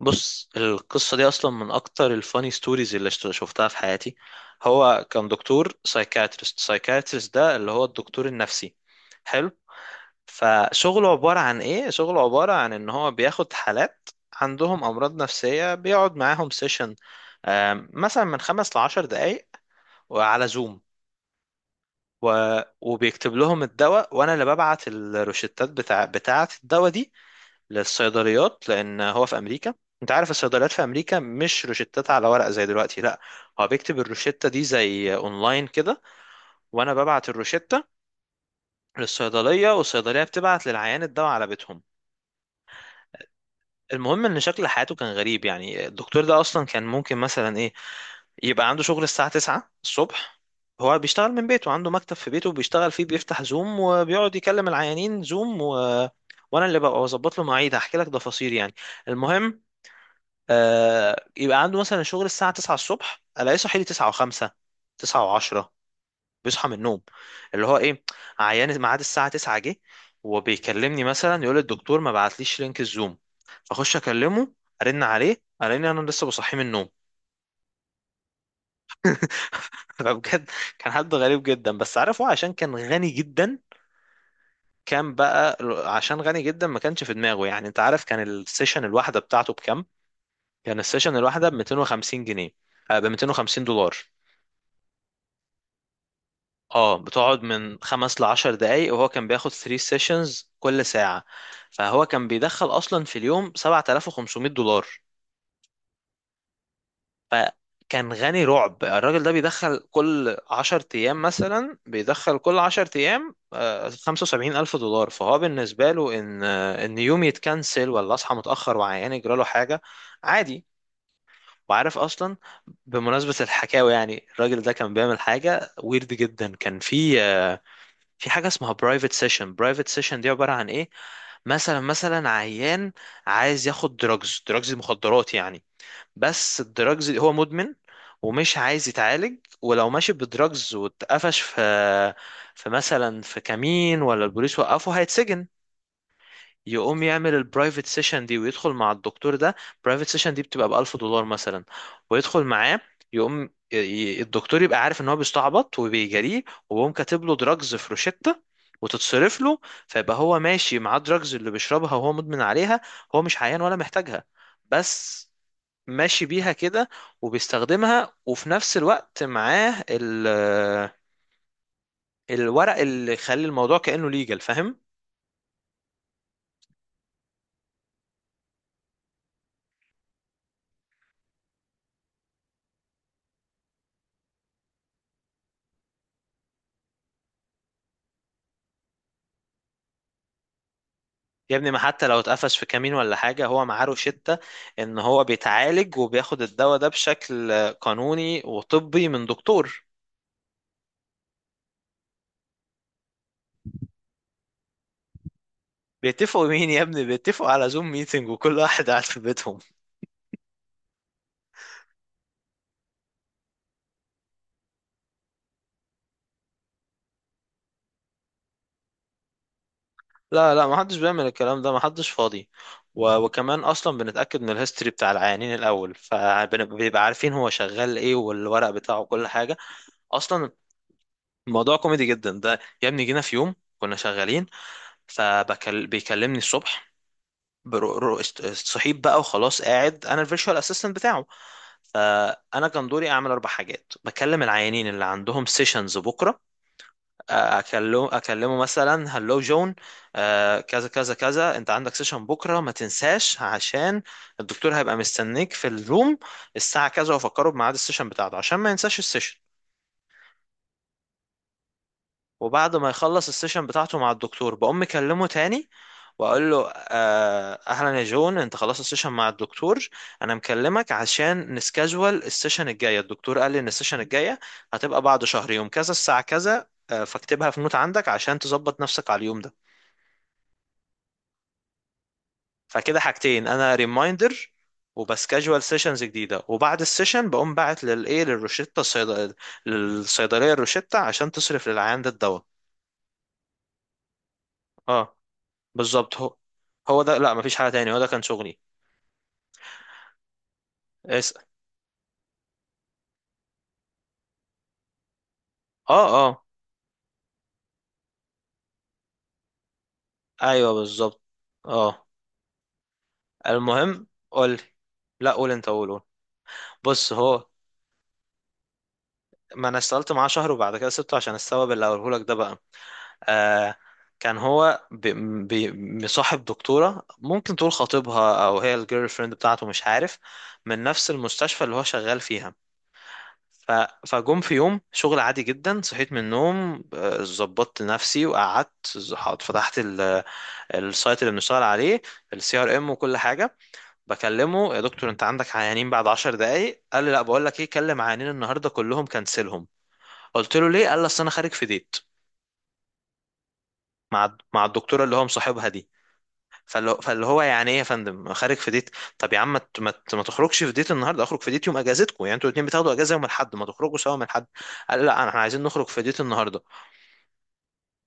بص، القصة دي أصلا من أكتر الفاني ستوريز اللي شفتها في حياتي. هو كان دكتور سايكاتريست. سايكاتريست ده اللي هو الدكتور النفسي. حلو. فشغله عبارة عن إيه؟ شغله عبارة عن إن هو بياخد حالات عندهم أمراض نفسية، بيقعد معاهم سيشن مثلا من خمس لعشر دقايق وعلى زوم، و... وبيكتب لهم الدواء، وأنا اللي ببعت الروشتات بتاعة الدواء دي للصيدليات، لان هو في امريكا. انت عارف الصيدليات في امريكا مش روشتات على ورق زي دلوقتي، لا، هو بيكتب الروشتة دي زي اونلاين كده، وانا ببعت الروشتة للصيدلية، والصيدلية بتبعت للعيان الدواء على بيتهم. المهم ان شكل حياته كان غريب، يعني الدكتور ده اصلا كان ممكن مثلا ايه، يبقى عنده شغل الساعة 9 الصبح. هو بيشتغل من بيته، عنده مكتب في بيته بيشتغل فيه، بيفتح زوم وبيقعد يكلم العيانين زوم، وانا اللي ببقى بظبط له مواعيد، هحكي لك تفاصيل يعني. المهم، يبقى عنده مثلا شغل الساعة 9 الصبح، الاقيه صاحي لي 9 و5، 9 و10، بيصحى من النوم اللي هو ايه، عيان ميعاد الساعة 9 جه وبيكلمني، مثلا يقول الدكتور ما بعتليش لينك الزوم، اخش اكلمه ارن عليه الاقيني انا لسه بصحيه من النوم. فبجد كان حد غريب جدا، بس عارف، هو عشان كان غني جدا. كان بقى عشان غني جدا ما كانش في دماغه، يعني انت عارف كان السيشن الواحدة بتاعته بكام؟ كان السيشن الواحدة ب 250 جنيه، ب 250 دولار. اه، بتقعد من خمس لعشر دقايق، وهو كان بياخد 3 سيشنز كل ساعة، فهو كان بيدخل أصلا في اليوم 7500 دولار. فكان غني رعب، الراجل ده بيدخل كل 10 أيام خمسة وسبعين ألف دولار. فهو بالنسبة له إن يوم يتكنسل ولا أصحى متأخر وعيان يجراله حاجة، عادي. وعارف أصلا، بمناسبة الحكاوي، يعني الراجل ده كان بيعمل حاجة ويرد جدا، كان في حاجة اسمها برايفت سيشن. برايفت سيشن دي عبارة عن ايه، مثلا عيان عايز ياخد دراجز، مخدرات يعني. بس الدراجز دي هو مدمن، ومش عايز يتعالج، ولو ماشي بدراجز واتقفش في مثلا في كمين ولا البوليس وقفه، هيتسجن. يقوم يعمل البرايفت سيشن دي ويدخل مع الدكتور ده. برايفت سيشن دي بتبقى ب 1000 دولار مثلا، ويدخل معاه. يقوم الدكتور يبقى عارف ان هو بيستعبط وبيجاريه، ويقوم كاتب له دراجز في روشتة، وتتصرف له. فيبقى هو ماشي مع الدراجز اللي بيشربها وهو مدمن عليها، هو مش عيان ولا محتاجها، بس ماشي بيها كده وبيستخدمها، وفي نفس الوقت معاه الورق اللي يخلي الموضوع كأنه ليجل، فاهم. يا ابني، ما حتى لو اتقفش في كمين ولا حاجة، هو معاه روشتة ان هو بيتعالج وبياخد الدواء ده بشكل قانوني وطبي من دكتور. بيتفقوا مين يا ابني، بيتفقوا على زوم ميتنج وكل واحد قاعد في بيتهم. لا لا، ما حدش بيعمل الكلام ده، ما حدش فاضي، و... وكمان اصلا بنتأكد من الهيستوري بتاع العيانين الاول، فبيبقى عارفين هو شغال ايه والورق بتاعه وكل حاجة. اصلا الموضوع كوميدي جدا ده، يا ابني جينا في يوم كنا شغالين، فبيكلمني الصبح صحيت بقى وخلاص، قاعد انا الفيرتشوال اسيستنت بتاعه. فانا كان دوري اعمل اربع حاجات، بكلم العيانين اللي عندهم سيشنز بكره، اكلمه مثلا هلو جون، كذا كذا كذا، انت عندك سيشن بكره ما تنساش، عشان الدكتور هيبقى مستنيك في الروم الساعه كذا، وافكره بميعاد السيشن بتاعته عشان ما ينساش السيشن. وبعد ما يخلص السيشن بتاعته مع الدكتور، بقوم مكلمه تاني واقول له اهلا يا جون، انت خلصت السيشن مع الدكتور، انا مكلمك عشان نسكاجوال السيشن الجايه، الدكتور قال لي ان السيشن الجايه هتبقى بعد شهر يوم كذا الساعه كذا، فاكتبها في نوت عندك عشان تظبط نفسك على اليوم ده. فكده حاجتين، انا ريمايندر وبسكاجوال سيشنز جديده، وبعد السيشن بقوم باعت للايه، للروشتة الصيدليه، للصيدليه الروشتة عشان تصرف للعيان ده الدواء. اه بالظبط، هو ده. لا، مفيش حاجة تاني، هو ده كان شغلي. اسأل. اه. اه ايوه بالظبط. اه، المهم قول لي. لا قول انت، قول قول. بص هو، ما انا اشتغلت معاه شهر وبعد كده سبته عشان السبب اللي هقوله لك ده بقى. آه كان هو بي بي مصاحب دكتورة، ممكن تقول خطيبها او هي الجيرل فريند بتاعته، مش عارف، من نفس المستشفى اللي هو شغال فيها. ف... فجم في يوم شغل عادي جدا، صحيت من النوم، ظبطت نفسي وقعدت، فتحت السايت اللي بنشتغل عليه، الـ CRM وكل حاجه. بكلمه يا دكتور انت عندك عيانين بعد 10 دقائق، قال لي لا، بقول لك ايه، كلم عيانين النهارده كلهم كنسلهم. قلت له ليه، قال لي اصل انا خارج في ديت مع الدكتوره اللي هو مصاحبها دي. فاللي هو يعني ايه يا فندم خارج في ديت، طب يا عم ما تخرجش في ديت النهارده، اخرج في ديت يوم اجازتكم، يعني انتوا الاثنين بتاخدوا اجازه يوم الاحد، ما تخرجوا سوا من الحد. قال لا احنا عايزين نخرج في ديت النهارده.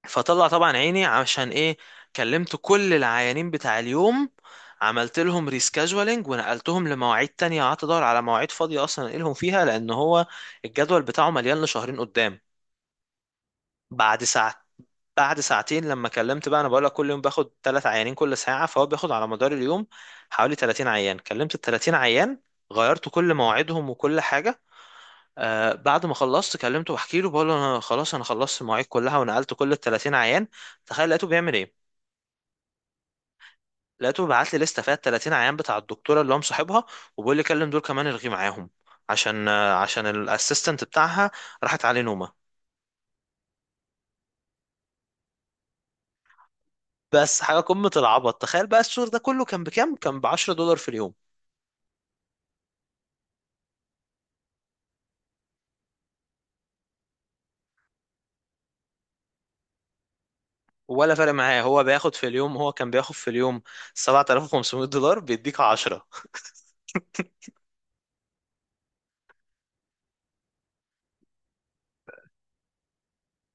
فطلع طبعا عيني، عشان ايه، كلمت كل العيانين بتاع اليوم، عملت لهم ريسكاجولينج ونقلتهم لمواعيد تانية، قعدت ادور على مواعيد فاضية اصلا انقلهم فيها، لان هو الجدول بتاعه مليان لشهرين قدام. بعد ساعة، بعد ساعتين، لما كلمت بقى، انا بقول لك كل يوم باخد 3 عيانين كل ساعة، فهو بياخد على مدار اليوم حوالي 30 عيان، كلمت ال 30 عيان، غيرت كل مواعيدهم وكل حاجة. بعد ما خلصت كلمته بحكي له، بقول له انا خلاص، انا خلصت المواعيد كلها، ونقلت كل ال 30 عيان. تخيل لقيته بيعمل ايه، لقيته بعت لي لسته فيها 30 عيان بتاع الدكتوره اللي هو مصاحبها، وبيقول لي كلم دول كمان الغي معاهم، عشان الاسيستنت بتاعها راحت عليه نومه. بس حاجه قمه العبط، تخيل بقى السور ده كله كان بكام، كان ب 10 دولار في اليوم. ولا فارق معاه، هو بياخد في اليوم، هو كان بياخد في اليوم 7500 دولار بيديك 10.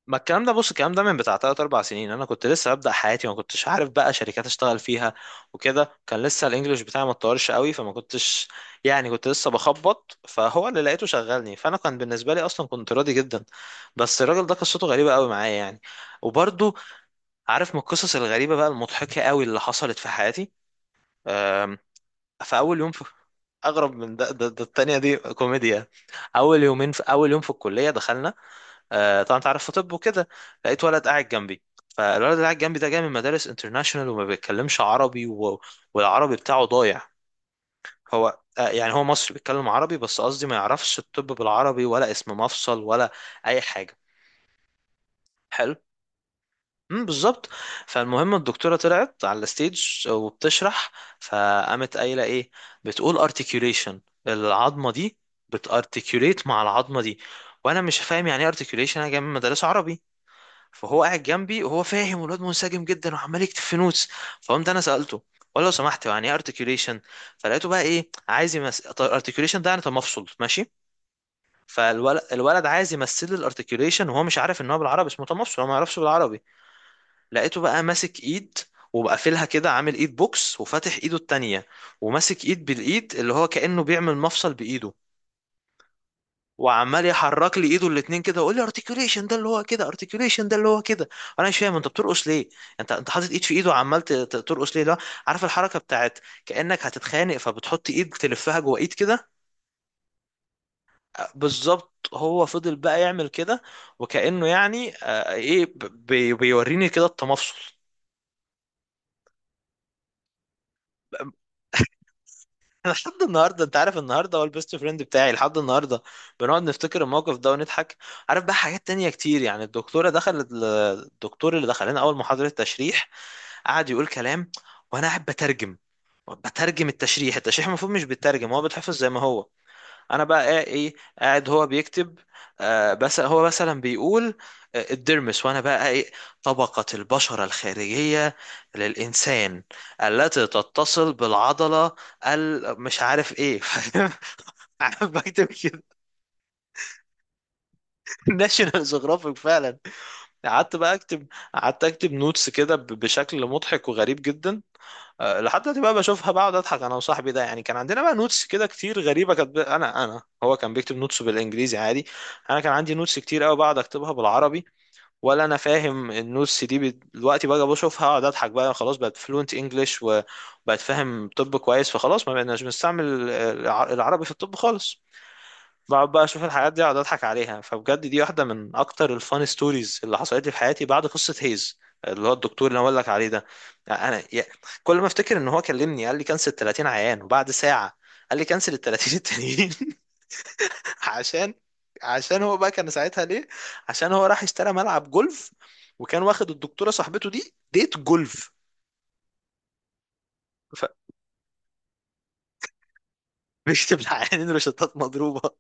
ما الكلام ده، بص الكلام ده من بتاع 3 4 سنين، انا كنت لسه ببدأ حياتي، ما كنتش عارف بقى شركات اشتغل فيها، وكده كان لسه الانجليش بتاعي ما اتطورش قوي، فما كنتش يعني، كنت لسه بخبط، فهو اللي لقيته شغلني، فانا كان بالنسبة لي اصلا كنت راضي جدا. بس الراجل ده قصته غريبة قوي معايا يعني. وبرضو عارف، من القصص الغريبة بقى المضحكة قوي اللي حصلت في حياتي، أم، في اول يوم في، اغرب من ده، ده، ده التانية دي كوميديا. اول يومين، في اول يوم في الكلية، دخلنا، طبعا انت عارف في طب وكده، لقيت ولد قاعد جنبي. فالولد اللي قاعد جنبي ده جاي من مدارس انترناشونال، وما بيتكلمش عربي، و... والعربي بتاعه ضايع. هو يعني هو مصري بيتكلم عربي، بس قصدي ما يعرفش الطب بالعربي ولا اسم مفصل ولا اي حاجه. حلو. بالظبط. فالمهم الدكتوره طلعت على الستيج وبتشرح، فقامت قايله ايه، بتقول ارتكيوليشن العظمه دي بتارتكيوليت مع العظمه دي، وانا مش فاهم يعني ايه ارتكيوليشن، انا جاي من مدارس عربي. فهو قاعد جنبي وهو فاهم، والواد منسجم جدا وعمال يكتب في نوتس. فقمت انا سالته، ولا لو سمحت يعني ايه ارتكيوليشن، فلقيته بقى ايه عايز يمثل ارتكيوليشن ده يعني تمفصل، ماشي. الولد عايز يمثل لي الارتكيوليشن وهو مش عارف ان هو بالعربي اسمه تمفصل، هو ما يعرفش بالعربي. لقيته بقى ماسك ايد، وبقى قافلها كده عامل ايد بوكس وفاتح ايده التانية، وماسك ايد بالايد، اللي هو كأنه بيعمل مفصل بايده. وعمال يحرك لي ايده الاتنين كده ويقول لي ارتكيوليشن ده اللي هو كده، ارتكيوليشن ده اللي هو كده، انا مش فاهم انت بترقص ليه. انت انت حاطط ايد في ايده وعمال ترقص ليه، لا. عارف الحركه بتاعت، كانك هتتخانق فبتحط ايد تلفها جوه ايد كده. بالظبط، هو فضل بقى يعمل كده، وكانه يعني، ايه، بيوريني كده التمفصل. انا لحد النهارده، انت عارف النهارده هو البيست فريند بتاعي، لحد النهارده بنقعد نفتكر الموقف ده ونضحك. عارف بقى حاجات تانية كتير يعني، الدكتوره دخلت، الدكتور اللي دخل لنا اول محاضره تشريح، قعد يقول كلام، وانا قاعد بترجم. بترجم التشريح، التشريح المفروض مش بيترجم، هو بيتحفظ زي ما هو. انا بقى ايه، قاعد هو بيكتب، بس هو مثلا بيقول الدرمس، وانا بقى ايه، طبقة البشرة الخارجية للانسان التي تتصل بالعضلة، مش عارف ايه، فاهم؟ قاعد بكتب كده، ناشونال جيوغرافيك فعلا. قعدت بقى اكتب، قعدت اكتب نوتس كده بشكل مضحك وغريب جدا. لحد دلوقتي بقى بشوفها بقعد اضحك انا وصاحبي ده يعني، كان عندنا بقى نوتس كده كتير غريبه كانت انا انا هو كان بيكتب نوتس بالانجليزي عادي، انا كان عندي نوتس كتير قوي بقعد اكتبها بالعربي، ولا انا فاهم النوتس دي دلوقتي بقى بشوفها اقعد اضحك، بقى خلاص بقت فلوينت انجلش وبقت فاهم طب كويس، فخلاص ما بقناش بنستعمل العربي في الطب خالص. بقعد بقى اشوف الحاجات دي اقعد اضحك عليها، فبجد دي واحده من اكتر الفان ستوريز اللي حصلت لي في حياتي بعد قصه هيز، اللي هو الدكتور اللي انا بقول لك عليه ده. يعني انا كل ما افتكر ان هو كلمني قال لي كنسل 30 عيان، وبعد ساعه قال لي كنسل ال 30 التانيين. عشان، هو بقى كان ساعتها ليه، عشان هو راح اشترى ملعب جولف، وكان واخد الدكتوره صاحبته دي ديت جولف. فبيكتب للعيانين روشتات مضروبه،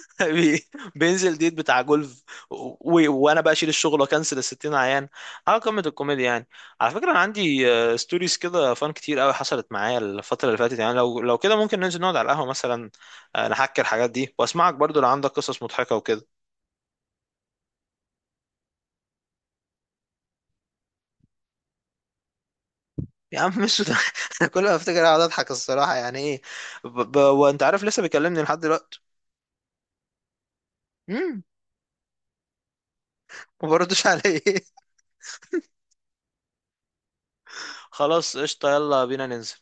بي- بينزل ديت بتاع جولف، وانا بقى اشيل الشغل واكنسل ال 60 عيان، على قمه الكوميديا يعني. على فكره انا عندي، ستوريز كده فان كتير قوي حصلت معايا الفتره اللي فاتت يعني، لو كده ممكن ننزل نقعد على القهوه مثلا، نحكي الحاجات دي واسمعك برضو لو عندك قصص مضحكه وكده. يا عم مش ده، انا كل ما افتكر اقعد اضحك، الصراحه يعني ايه، وانت عارف لسه بيكلمني لحد دلوقتي. امم. ما بردش عليه. خلاص قشطه، يلا بينا ننزل.